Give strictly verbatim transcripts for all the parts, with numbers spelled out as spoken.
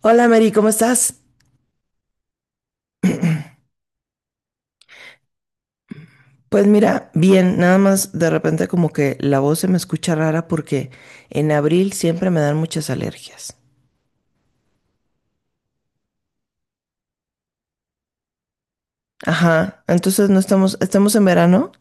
Hola Mary, ¿cómo estás? Pues mira, bien, nada más de repente como que la voz se me escucha rara porque en abril siempre me dan muchas alergias. Ajá, entonces no, estamos, estamos en verano.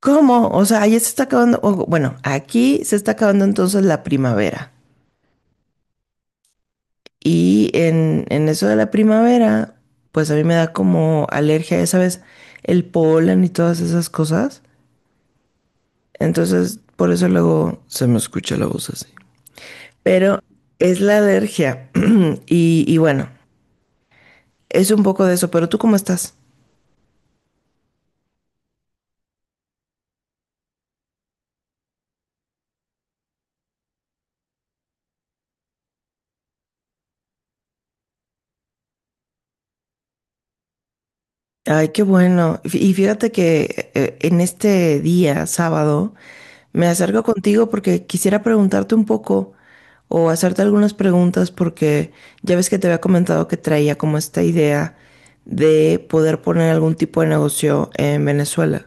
¿Cómo? O sea, ya se está acabando, o, bueno, aquí se está acabando entonces la primavera. Y en, en eso de la primavera, pues a mí me da como alergia, ya sabes, el polen y todas esas cosas. Entonces, por eso luego se me escucha la voz así. Pero es la alergia. Y, y bueno, es un poco de eso, pero ¿tú cómo estás? Ay, qué bueno. Fí- Y fíjate que eh, en este día, sábado, me acerco contigo porque quisiera preguntarte un poco o hacerte algunas preguntas porque ya ves que te había comentado que traía como esta idea de poder poner algún tipo de negocio en Venezuela.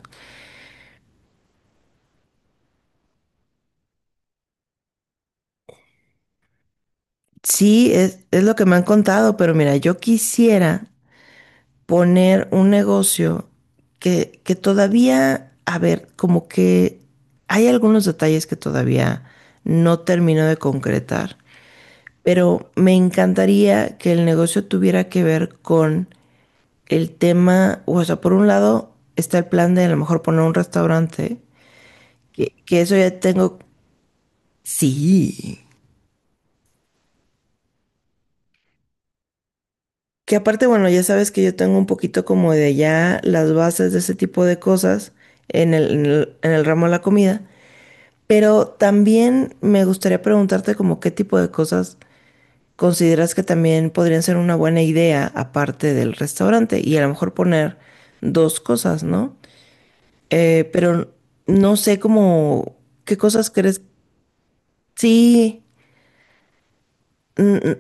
Sí, es, es lo que me han contado, pero mira, yo quisiera poner un negocio que, que todavía, a ver, como que hay algunos detalles que todavía no termino de concretar, pero me encantaría que el negocio tuviera que ver con el tema, o sea, por un lado está el plan de a lo mejor poner un restaurante, que, que eso ya tengo, sí, que aparte, bueno, ya sabes que yo tengo un poquito como de ya las bases de ese tipo de cosas en el, en el, en el ramo de la comida. Pero también me gustaría preguntarte como qué tipo de cosas consideras que también podrían ser una buena idea aparte del restaurante y a lo mejor poner dos cosas, ¿no? Eh, pero no sé cómo, qué cosas crees. Sí. mm,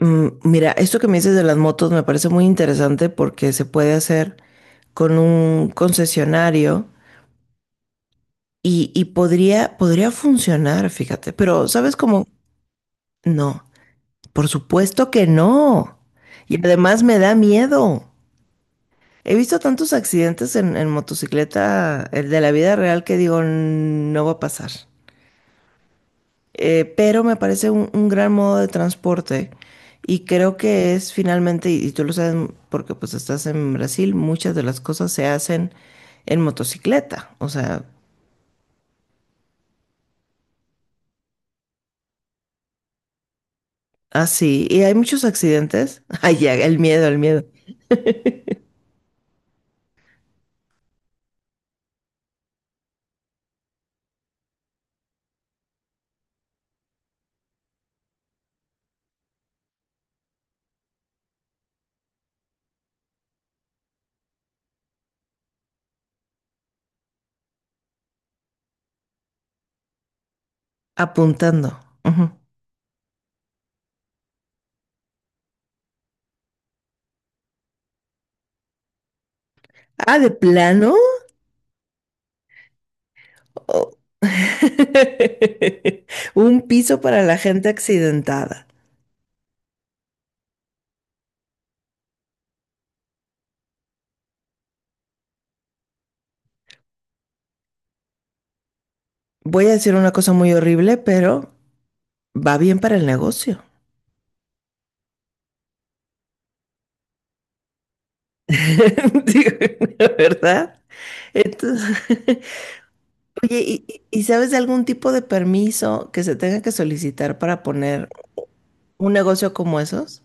mm, mm, Mira, esto que me dices de las motos me parece muy interesante porque se puede hacer con un concesionario y, y podría, podría, funcionar, fíjate, pero ¿sabes cómo? No. Por supuesto que no. Y además me da miedo. He visto tantos accidentes en, en motocicleta, el de la vida real, que digo, no va a pasar. Eh, pero me parece un, un gran modo de transporte y creo que es finalmente, y, y tú lo sabes porque pues estás en Brasil, muchas de las cosas se hacen en motocicleta. O sea, así. Y hay muchos accidentes. Ay, ya, el miedo, el miedo. Apuntando. Ujú. Ah, de plano. Oh. Un piso para la gente accidentada. Voy a decir una cosa muy horrible, pero va bien para el negocio. Digo, ¿la verdad? Entonces, oye, ¿y, y- y sabes de algún tipo de permiso que se tenga que solicitar para poner un negocio como esos?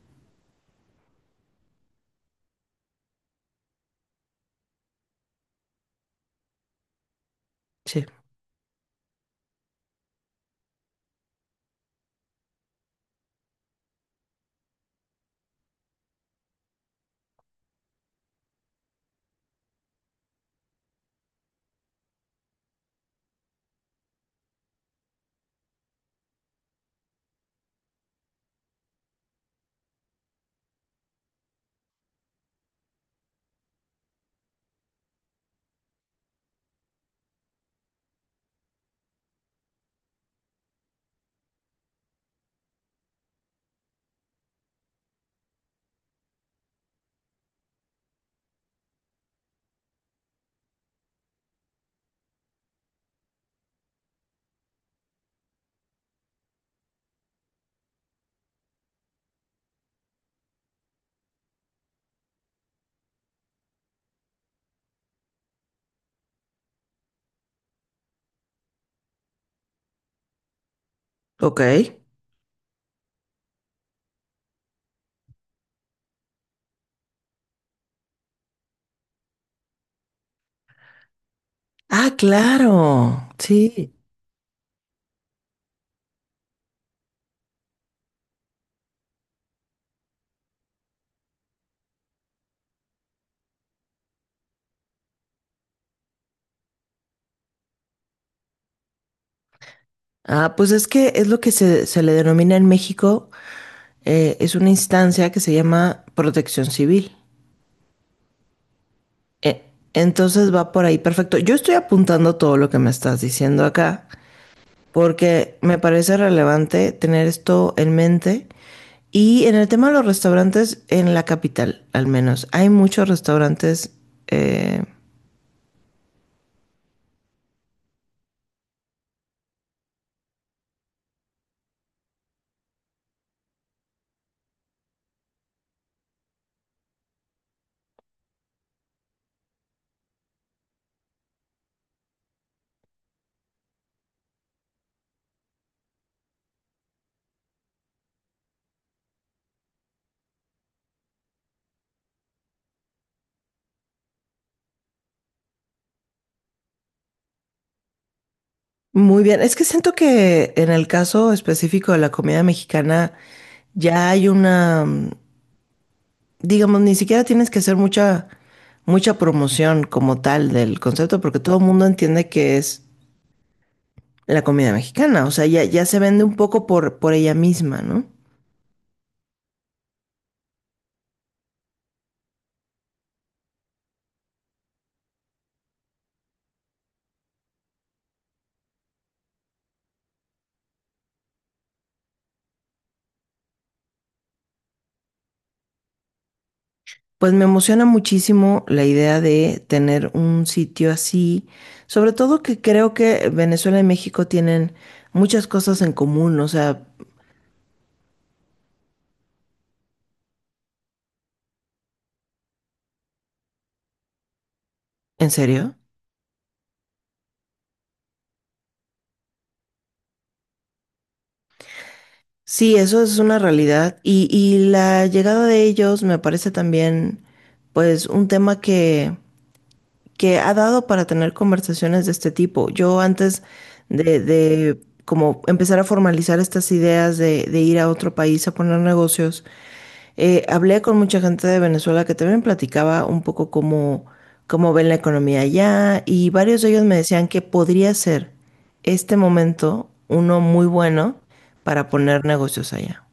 Sí. Ok. Ah, claro. Sí. Ah, pues es que es lo que se, se le denomina en México, eh, es una instancia que se llama Protección Civil. E- Entonces va por ahí, perfecto. Yo estoy apuntando todo lo que me estás diciendo acá, porque me parece relevante tener esto en mente. Y en el tema de los restaurantes, en la capital, al menos, hay muchos restaurantes. Eh, muy bien. Es que siento que en el caso específico de la comida mexicana, ya hay una, mm, digamos, ni siquiera tienes que hacer mucha, mucha promoción como tal del concepto, porque todo el mundo entiende que es la comida mexicana, o sea, ya, ya se vende un poco por, por ella misma, ¿no? Pues me emociona muchísimo la idea de tener un sitio así, sobre todo que creo que Venezuela y México tienen muchas cosas en común, o sea, ¿en serio? Sí, eso es una realidad y, y la llegada de ellos me parece también, pues, un tema que que ha dado para tener conversaciones de este tipo. Yo antes de, de como empezar a formalizar estas ideas de, de ir a otro país a poner negocios, eh, hablé con mucha gente de Venezuela que también platicaba un poco cómo, cómo ven la economía allá y varios de ellos me decían que podría ser este momento uno muy bueno para poner negocios allá.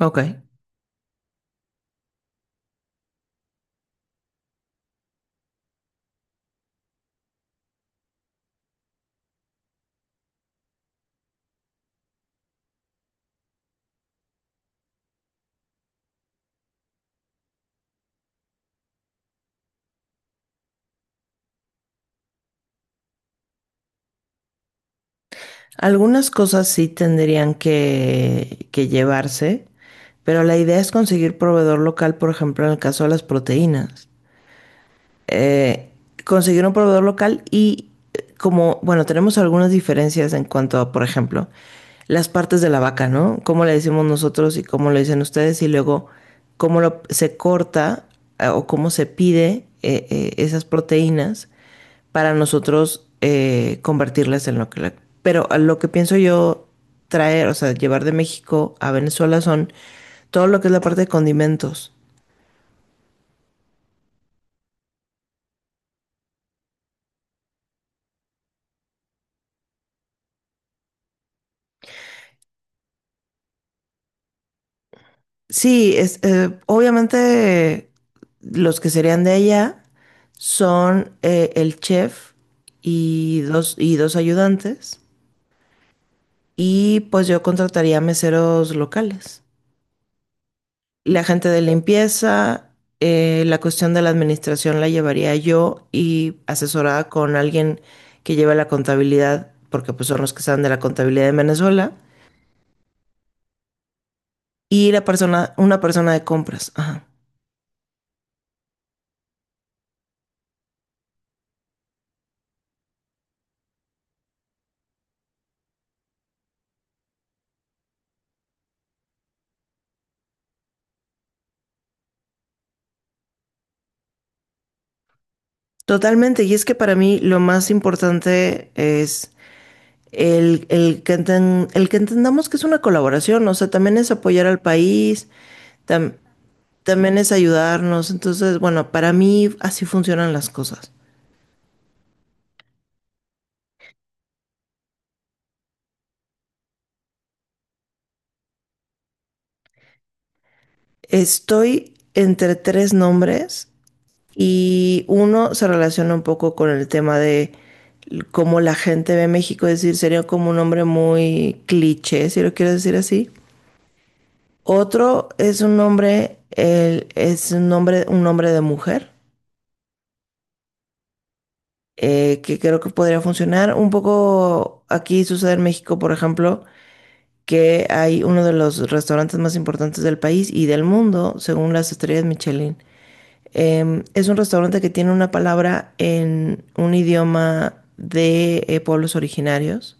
Ok. Algunas cosas sí tendrían que, que llevarse, pero la idea es conseguir proveedor local, por ejemplo, en el caso de las proteínas. eh, Conseguir un proveedor local y eh, como, bueno, tenemos algunas diferencias en cuanto a, por ejemplo, las partes de la vaca, ¿no? Cómo le decimos nosotros y cómo lo dicen ustedes y luego cómo lo- se corta, eh, o cómo se pide eh, eh, esas proteínas para nosotros eh, convertirlas en lo que... la- Pero a lo que pienso yo traer, o sea, llevar de México a Venezuela son todo lo que es la parte de condimentos. Sí, es, eh, obviamente los que serían de allá son eh, el chef y dos, y dos ayudantes. Y pues yo contrataría meseros locales. La gente de limpieza, eh, la cuestión de la administración la llevaría yo y asesorada con alguien que lleve la contabilidad, porque pues son los que saben de la contabilidad en Venezuela. Y la persona, una persona de compras. Ajá. Totalmente, y es que para mí lo más importante es el, el que enten- el que entendamos que es una colaboración, o sea, también es apoyar al país, tam- también es ayudarnos, entonces, bueno, para mí así funcionan las cosas. Estoy entre tres nombres y uno se relaciona un poco con el tema de cómo la gente ve México, es decir, sería como un nombre muy cliché, si lo quieres decir así. Otro es un nombre, el- es un nombre, un nombre de mujer, eh, que creo que podría funcionar. Un poco aquí sucede en México, por ejemplo, que hay uno de los restaurantes más importantes del país y del mundo, según las estrellas Michelin. Em, es un restaurante que tiene una palabra en un idioma de eh, pueblos originarios.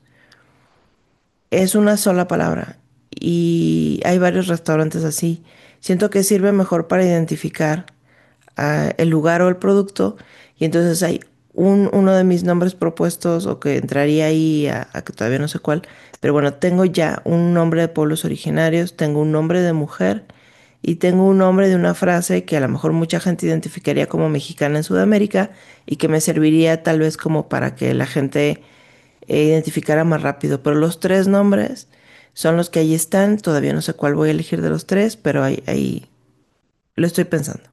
Es una sola palabra y hay varios restaurantes así. Siento que sirve mejor para identificar ah, el lugar o el producto y entonces hay un, uno de mis nombres propuestos o que entraría ahí a, a que todavía no sé cuál, pero bueno, tengo ya un nombre de pueblos originarios, tengo un nombre de mujer y tengo un nombre de una frase que a lo mejor mucha gente identificaría como mexicana en Sudamérica y que me serviría tal vez como para que la gente eh, identificara más rápido. Pero los tres nombres son los que ahí están. Todavía no sé cuál voy a elegir de los tres, pero ahí, ahí lo estoy pensando.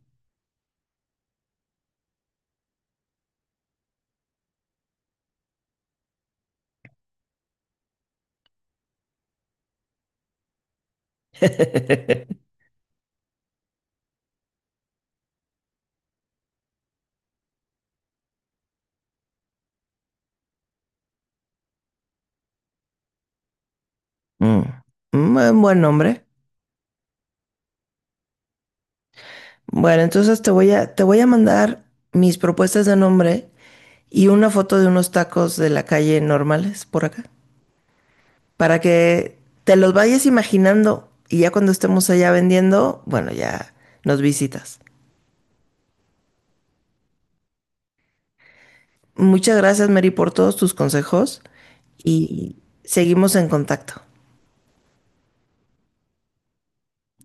Mm. Mm, buen- buen nombre. Bueno, entonces te voy a, te voy a mandar mis propuestas de nombre y una foto de unos tacos de la calle normales por acá. Para que te los vayas imaginando y ya cuando estemos allá vendiendo, bueno, ya nos visitas. Muchas gracias, Mary, por todos tus consejos y seguimos en contacto.